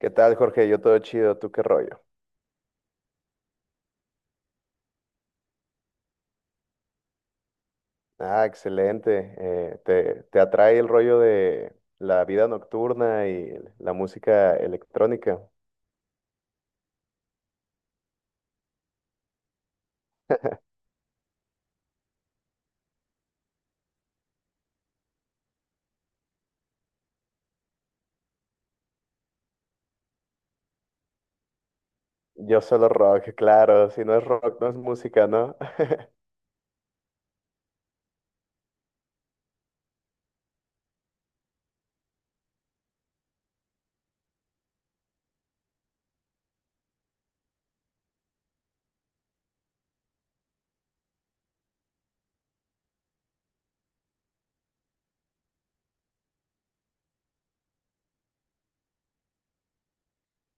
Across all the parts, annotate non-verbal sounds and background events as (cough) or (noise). ¿Qué tal, Jorge? Yo todo chido, ¿tú qué rollo? Ah, excelente. ¿Te atrae el rollo de la vida nocturna y la música electrónica? Yo solo rock, (laughs) claro, si no es rock, no es música, ¿no?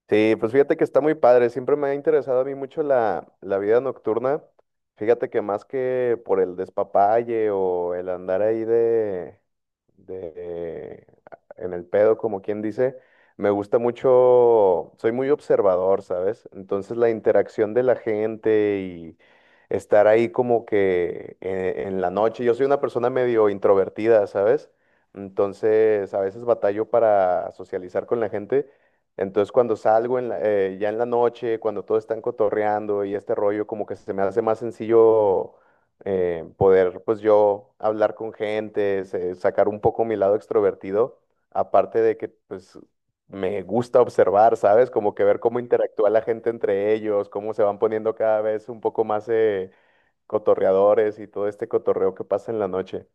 Sí, pues fíjate que está muy padre. Siempre me ha interesado a mí mucho la vida nocturna. Fíjate que más que por el despapalle o el andar ahí de en el pedo, como quien dice, me gusta mucho, soy muy observador, ¿sabes? Entonces la interacción de la gente y estar ahí como que en la noche. Yo soy una persona medio introvertida, ¿sabes? Entonces a veces batallo para socializar con la gente. Entonces cuando ya en la noche, cuando todos están cotorreando y este rollo, como que se me hace más sencillo poder pues yo hablar con gente, sacar un poco mi lado extrovertido, aparte de que pues me gusta observar, ¿sabes? Como que ver cómo interactúa la gente entre ellos, cómo se van poniendo cada vez un poco más cotorreadores y todo este cotorreo que pasa en la noche.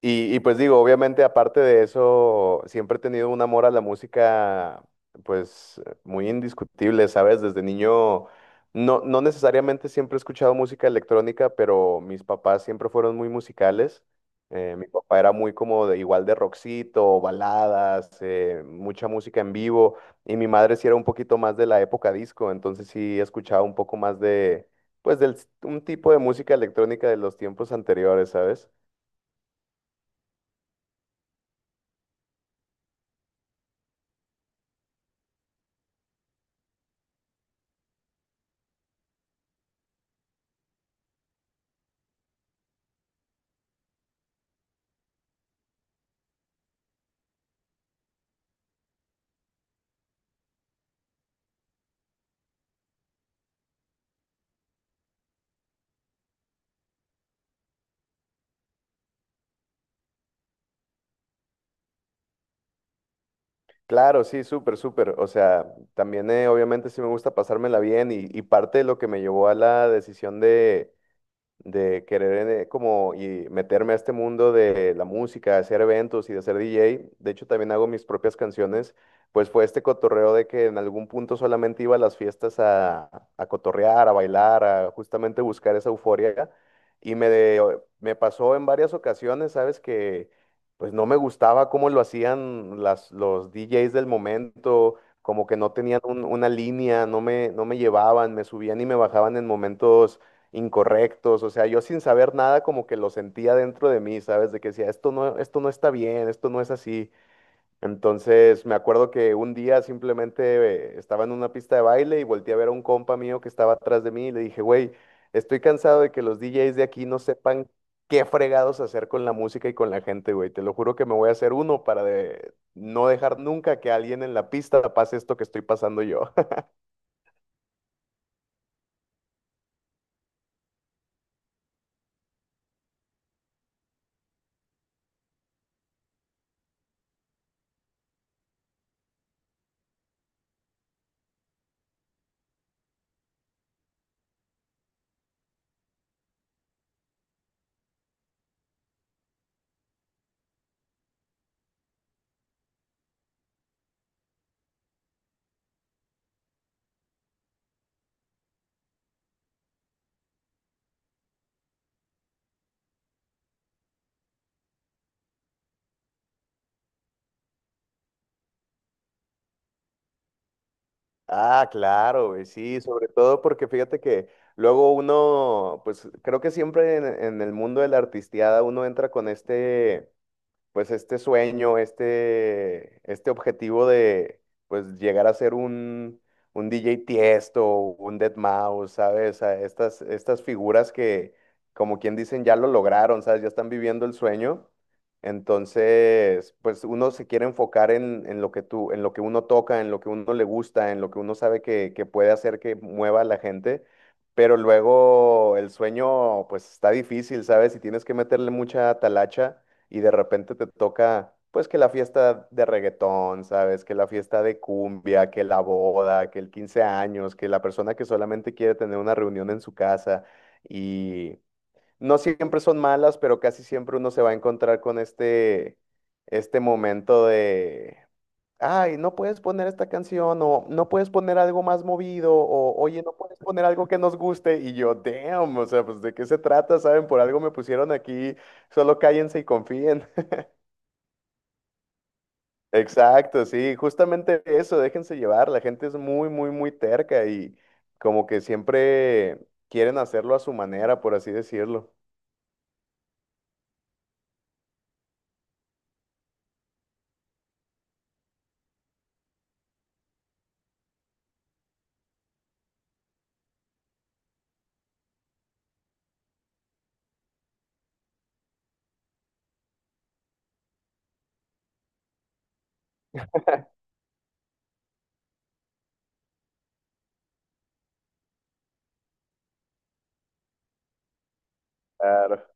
Y pues digo, obviamente aparte de eso, siempre he tenido un amor a la música, pues muy indiscutible, ¿sabes? Desde niño, no necesariamente siempre he escuchado música electrónica, pero mis papás siempre fueron muy musicales. Mi papá era muy como de, igual de rockcito, baladas, mucha música en vivo, y mi madre sí era un poquito más de la época disco, entonces sí escuchaba un poco más de, pues, del, un tipo de música electrónica de los tiempos anteriores, ¿sabes? Claro, sí, súper, súper. O sea, también obviamente sí me gusta pasármela bien y parte de lo que me llevó a la decisión de querer como y meterme a este mundo de la música, de hacer eventos y de ser DJ. De hecho, también hago mis propias canciones. Pues fue este cotorreo de que en algún punto solamente iba a las fiestas a cotorrear, a bailar, a justamente buscar esa euforia. Y me pasó en varias ocasiones, ¿sabes? Que pues no me gustaba cómo lo hacían los DJs del momento, como que no tenían una línea, no me llevaban, me subían y me bajaban en momentos incorrectos, o sea, yo sin saber nada como que lo sentía dentro de mí, ¿sabes? De que decía, esto no está bien, esto no es así. Entonces me acuerdo que un día simplemente estaba en una pista de baile y volteé a ver a un compa mío que estaba atrás de mí y le dije, güey, estoy cansado de que los DJs de aquí no sepan qué fregados hacer con la música y con la gente, güey. Te lo juro que me voy a hacer uno para no dejar nunca que alguien en la pista pase esto que estoy pasando yo. Ah, claro, güey, sí, sobre todo porque fíjate que luego uno, pues creo que siempre en el mundo de la artisteada uno entra con este, pues este sueño, este objetivo de pues llegar a ser un DJ Tiesto, un deadmau5, ¿sabes? A estas figuras que, como quien dicen, ya lo lograron, ¿sabes? Ya están viviendo el sueño. Entonces, pues uno se quiere enfocar en lo que tú, en lo que uno toca, en lo que uno le gusta, en lo que uno sabe que puede hacer que mueva a la gente. Pero luego el sueño, pues está difícil, ¿sabes? Y tienes que meterle mucha talacha y de repente te toca, pues que la fiesta de reggaetón, ¿sabes? Que la fiesta de cumbia, que la boda, que el 15 años, que la persona que solamente quiere tener una reunión en su casa y no siempre son malas, pero casi siempre uno se va a encontrar con este, este momento de... Ay, no puedes poner esta canción o no puedes poner algo más movido o oye, no puedes poner algo que nos guste y yo, damn, o sea, pues de qué se trata, ¿saben? Por algo me pusieron aquí, solo cállense y confíen. Exacto, sí, justamente eso, déjense llevar, la gente es muy, muy, muy terca y como que siempre quieren hacerlo a su manera, por así decirlo. Claro.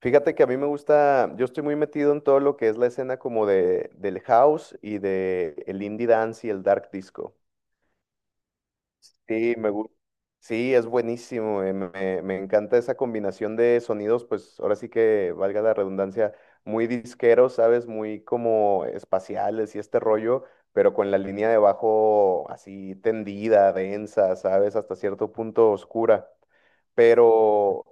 Fíjate que a mí me gusta, yo estoy muy metido en todo lo que es la escena como de, del house y de el indie dance y el dark disco. Sí, me gusta. Sí, es buenísimo. Me encanta esa combinación de sonidos, pues ahora sí que valga la redundancia, muy disqueros, ¿sabes? Muy como espaciales y este rollo, pero con la línea de bajo así tendida, densa, ¿sabes? Hasta cierto punto oscura. Pero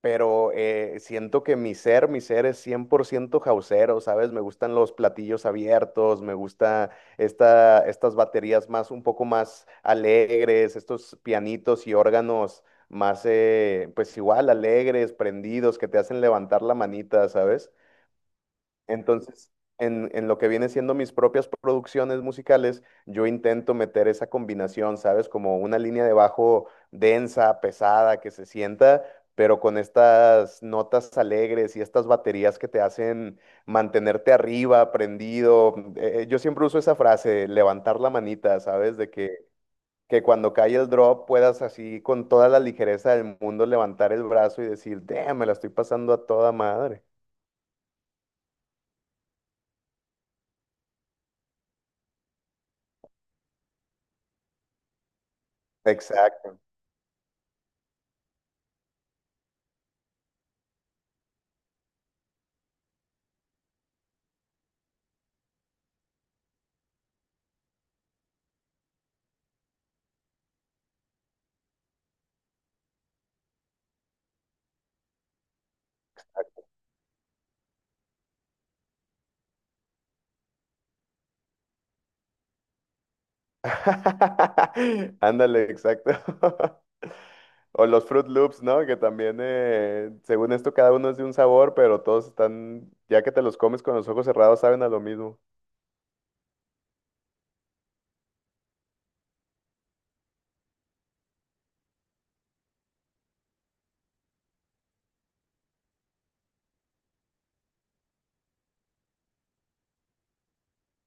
pero siento que mi ser es 100% jazzero, ¿sabes? Me gustan los platillos abiertos, me gusta estas baterías más, un poco más alegres, estos pianitos y órganos más, pues igual, alegres, prendidos, que te hacen levantar la manita, ¿sabes? Entonces, en lo que viene siendo mis propias producciones musicales, yo intento meter esa combinación, ¿sabes? Como una línea de bajo densa, pesada, que se sienta, pero con estas notas alegres y estas baterías que te hacen mantenerte arriba, prendido. Yo siempre uso esa frase, levantar la manita, ¿sabes? Que cuando cae el drop puedas así con toda la ligereza del mundo levantar el brazo y decir, damn, me la estoy pasando a toda madre. Exacto. (laughs) Ándale, exacto. (laughs) O los Fruit Loops, ¿no? Que también, según esto, cada uno es de un sabor, pero todos están, ya que te los comes con los ojos cerrados, saben a lo mismo.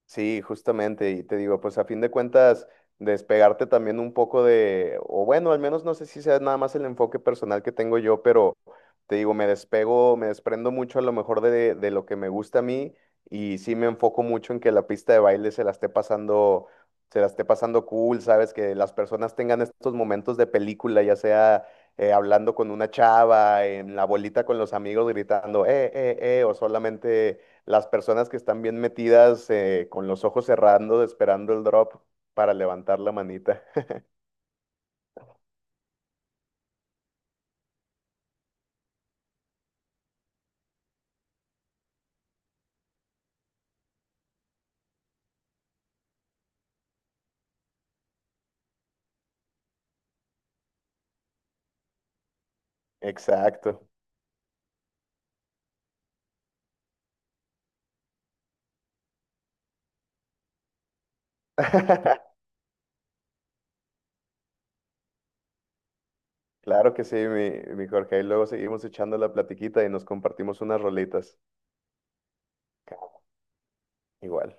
Sí, justamente, y te digo, pues a fin de cuentas, despegarte también un poco de, o bueno, al menos no sé si sea nada más el enfoque personal que tengo yo, pero te digo, me despego, me desprendo mucho a lo mejor de lo que me gusta a mí y sí me enfoco mucho en que la pista de baile se la esté pasando, se la esté pasando cool, ¿sabes? Que las personas tengan estos momentos de película, ya sea hablando con una chava, en la bolita con los amigos gritando, o solamente las personas que están bien metidas con los ojos cerrando, esperando el drop para levantar la manita. (laughs) Exacto. (laughs) Claro que sí, mi Jorge. Y luego seguimos echando la platiquita y nos compartimos unas rolitas. Igual.